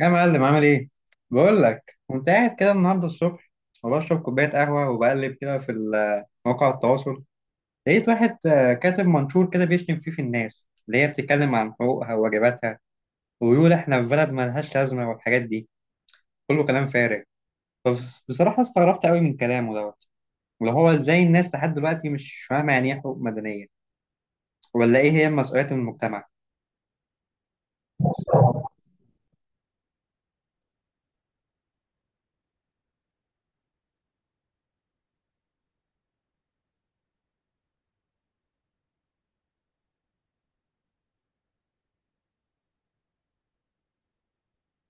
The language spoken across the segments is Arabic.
يا معلم، عامل ايه؟ بقول لك كنت قاعد كده النهارده الصبح، وبشرب كوبايه قهوه وبقلب كده في مواقع التواصل. لقيت واحد كاتب منشور كده بيشتم فيه في الناس اللي هي بتتكلم عن حقوقها وواجباتها، ويقول احنا في بلد ملهاش لازمه والحاجات دي كله كلام فارغ. فبصراحه استغربت قوي من كلامه دوت، اللي هو ازاي الناس لحد دلوقتي مش فاهمه يعني ايه حقوق مدنيه ولا ايه هي مسؤوليات المجتمع؟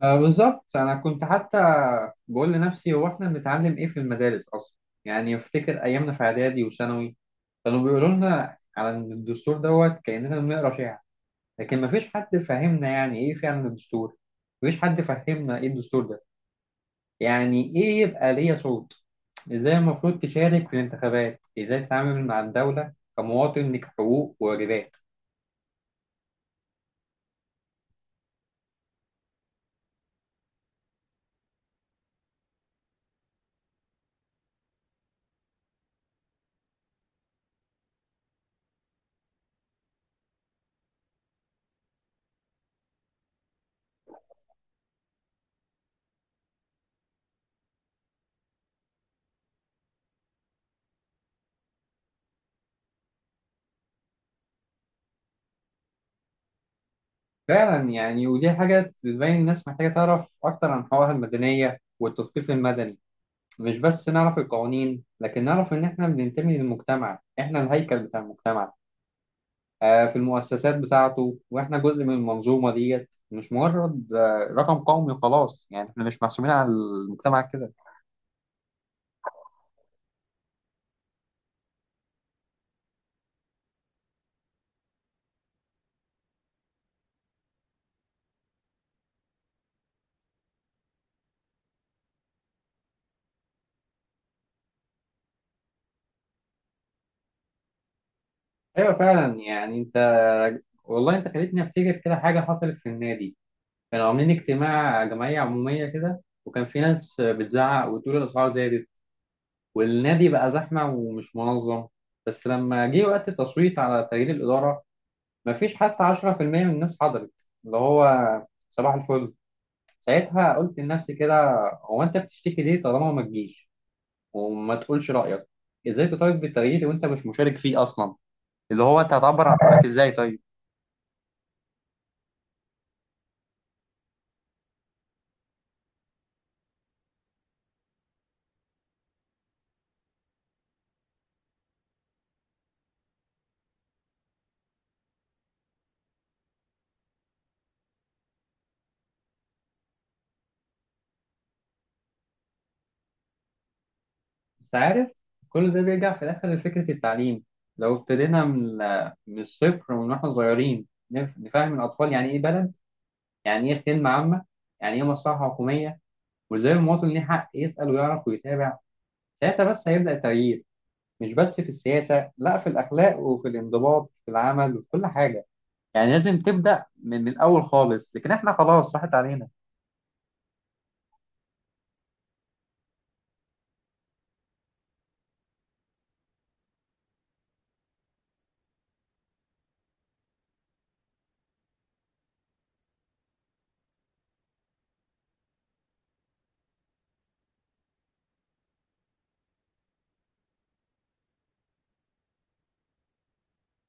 آه، بالظبط، انا كنت حتى بقول لنفسي، هو احنا بنتعلم ايه في المدارس اصلا؟ يعني افتكر ايامنا في اعدادي وثانوي، كانوا بيقولوا لنا على إن الدستور دوت كاننا بنقرا شعر، لكن ما فيش حد فهمنا يعني ايه فعلا الدستور. ما فيش حد فهمنا ايه الدستور ده، يعني ايه يبقى ليا صوت، ازاي المفروض تشارك في الانتخابات، ازاي تتعامل مع الدولة كمواطن لك حقوق وواجبات. فعلا، يعني ودي حاجة بتبين الناس محتاجة تعرف أكتر عن حقوقها المدنية والتثقيف المدني. مش بس نعرف القوانين، لكن نعرف إن إحنا بننتمي للمجتمع، إحنا الهيكل بتاع المجتمع، في المؤسسات بتاعته، وإحنا جزء من المنظومة ديت، مش مجرد رقم قومي خلاص، يعني إحنا مش محسوبين على المجتمع كده. أيوة، فعلا. يعني أنت، والله أنت خليتني أفتكر كده حاجة حصلت في النادي. كانوا عاملين اجتماع جمعية عمومية كده، وكان في ناس بتزعق وتقول الأسعار زادت والنادي بقى زحمة ومش منظم. بس لما جه وقت التصويت على تغيير الإدارة، مفيش حتى 10% من الناس حضرت. اللي هو، صباح الفل. ساعتها قلت لنفسي كده، هو انت بتشتكي ليه طالما ما تجيش وما تقولش رأيك؟ ازاي تطالب بالتغيير وانت مش مشارك فيه اصلا؟ اللي هو انت هتعبر عن رأيك ازاي طيب؟ انت عارف، كل ده بيرجع في الاخر لفكرة التعليم. لو ابتدينا من الصفر ومن واحنا صغيرين، نفهم الاطفال يعني ايه بلد، يعني ايه خدمة عامة، يعني ايه مصلحة حكومية، وازاي المواطن ليه حق يسأل ويعرف ويتابع. ساعتها بس هيبدأ التغيير، مش بس في السياسة، لا، في الأخلاق وفي الانضباط في العمل وفي كل حاجة. يعني لازم تبدأ من الأول خالص، لكن إحنا خلاص راحت علينا.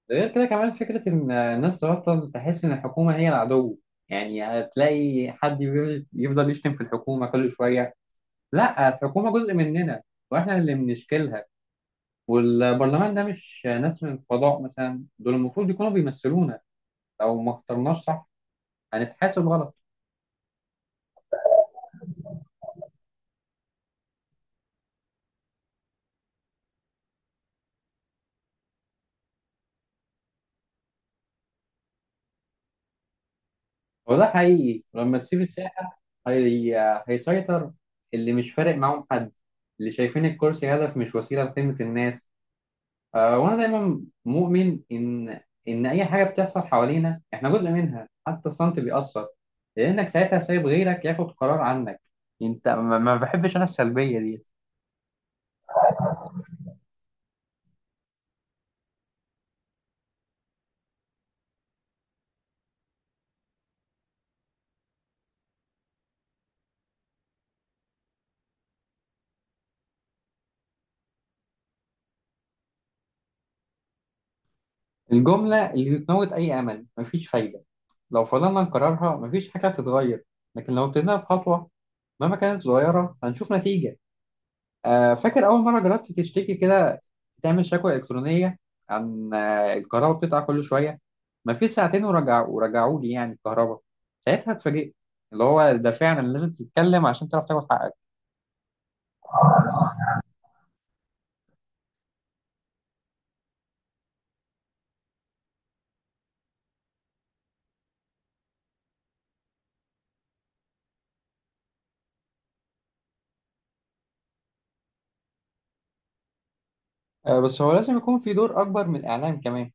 ده غير كده كمان فكرة إن الناس تبطل تحس إن الحكومة هي العدو. يعني هتلاقي حد يفضل يشتم في الحكومة كل شوية. لا، الحكومة جزء مننا، وإحنا اللي بنشكلها. والبرلمان ده مش ناس من الفضاء مثلا، دول المفروض يكونوا بيمثلونا. لو ما اخترناش صح، هنتحاسب غلط. هو ده حقيقي، لما تسيب الساحة هيسيطر اللي مش فارق معاهم حد، اللي شايفين الكرسي هدف مش وسيلة لخدمة الناس. آه، وأنا دايما مؤمن إن أي حاجة بتحصل حوالينا إحنا جزء منها، حتى الصمت بيأثر. لأنك ساعتها سايب غيرك ياخد قرار عنك. أنت، ما بحبش أنا السلبية دي. الجملة اللي بتموت أي أمل، مفيش فايدة. لو فضلنا نكررها، مفيش حاجة هتتغير. لكن لو ابتدينا بخطوة، مهما كانت صغيرة، هنشوف نتيجة. فاكر أول مرة جربت تشتكي كده، تعمل شكوى إلكترونية عن الكهرباء بتقطع كل شوية؟ مفيش ساعتين، ورجعوا لي يعني الكهرباء. ساعتها اتفاجئت، اللي هو ده فعلا لازم تتكلم عشان تعرف تاخد حقك. بس هو لازم يكون في دور أكبر من الإعلام كمان.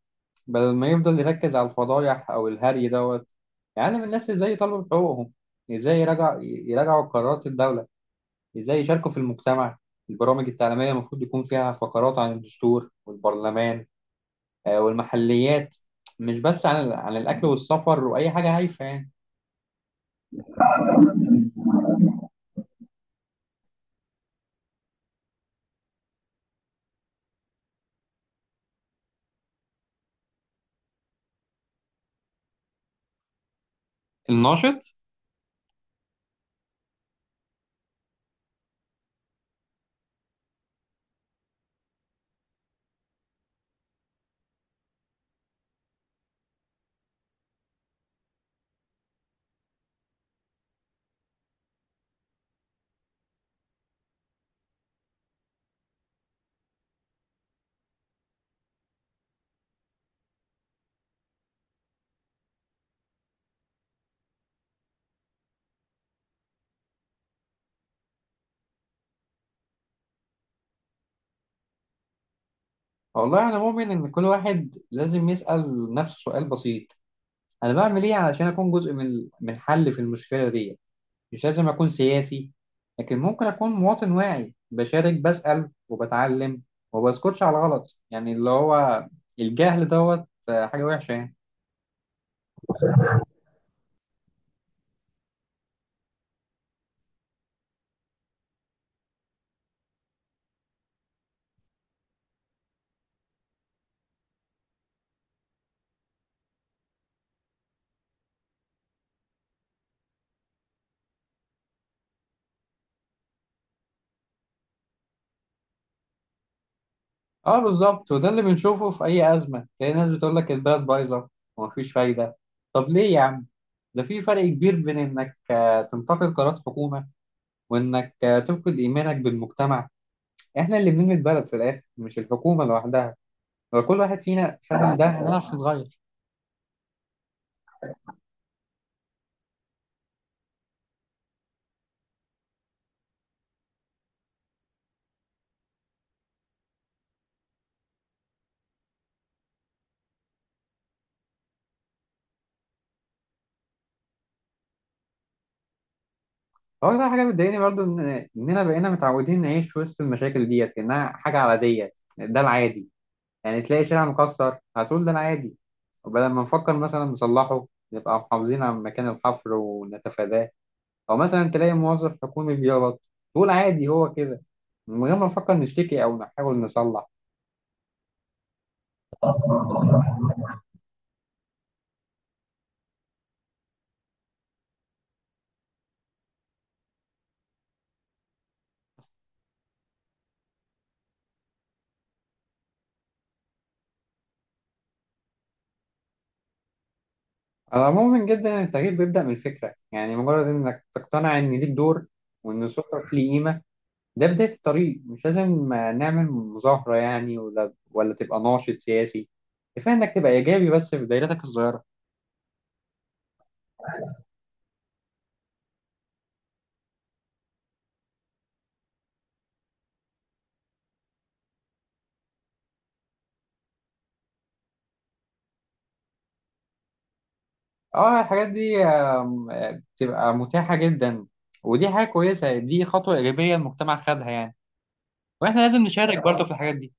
بدل ما يفضل يركز على الفضايح أو الهري دوت، يعلم الناس إزاي يطالبوا بحقوقهم، إزاي يراجعوا قرارات الدولة، إزاي يشاركوا في المجتمع. البرامج التعليمية المفروض يكون فيها فقرات عن الدستور والبرلمان والمحليات، مش بس عن الأكل والسفر وأي حاجة هايفة يعني. الناشط، والله أنا مؤمن إن كل واحد لازم يسأل نفسه سؤال بسيط، أنا بعمل إيه علشان أكون جزء من الحل في المشكلة دي؟ مش لازم أكون سياسي، لكن ممكن أكون مواطن واعي بشارك، بسأل وبتعلم، وبسكتش على الغلط، يعني اللي هو الجهل دوت، حاجة وحشة يعني. اه، بالظبط، وده اللي بنشوفه في اي ازمه، تلاقي ناس بتقول لك البلد بايظه ومفيش فايده. طب ليه يا عم؟ ده في فرق كبير بين انك تنتقد قرارات حكومه، وانك تفقد ايمانك بالمجتمع. احنا اللي بنبني البلد في الاخر، مش الحكومه لوحدها. لو كل واحد فينا فاهم ده، هنعرف نتغير. هو ده حاجه بتضايقني برضو، ان اننا بقينا متعودين نعيش وسط المشاكل ديت كانها حاجه عاديه. ده العادي، يعني تلاقي شارع مكسر هتقول ده أنا عادي، وبدل ما نفكر مثلا نصلحه، نبقى محافظين على مكان الحفر ونتفاداه. أو مثلا تلاقي موظف حكومي بيغلط، تقول عادي هو كده، من غير ما نفكر نشتكي أو نحاول نصلح. على العموم، جدا إن التغيير بيبدأ من الفكرة، يعني مجرد إنك تقتنع إن ليك دور، وإن صوتك ليه قيمة، ده بداية الطريق. مش لازم نعمل مظاهرة يعني، ولا تبقى ناشط سياسي. كفاية إنك تبقى إيجابي بس في دايرتك الصغيرة. اه، الحاجات دي بتبقى متاحة جدا، ودي حاجة كويسة، دي خطوة إيجابية المجتمع خدها يعني. واحنا لازم نشارك برضه في الحاجات دي.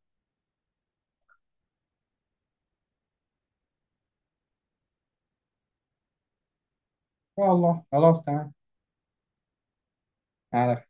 إن شاء الله، خلاص تمام. على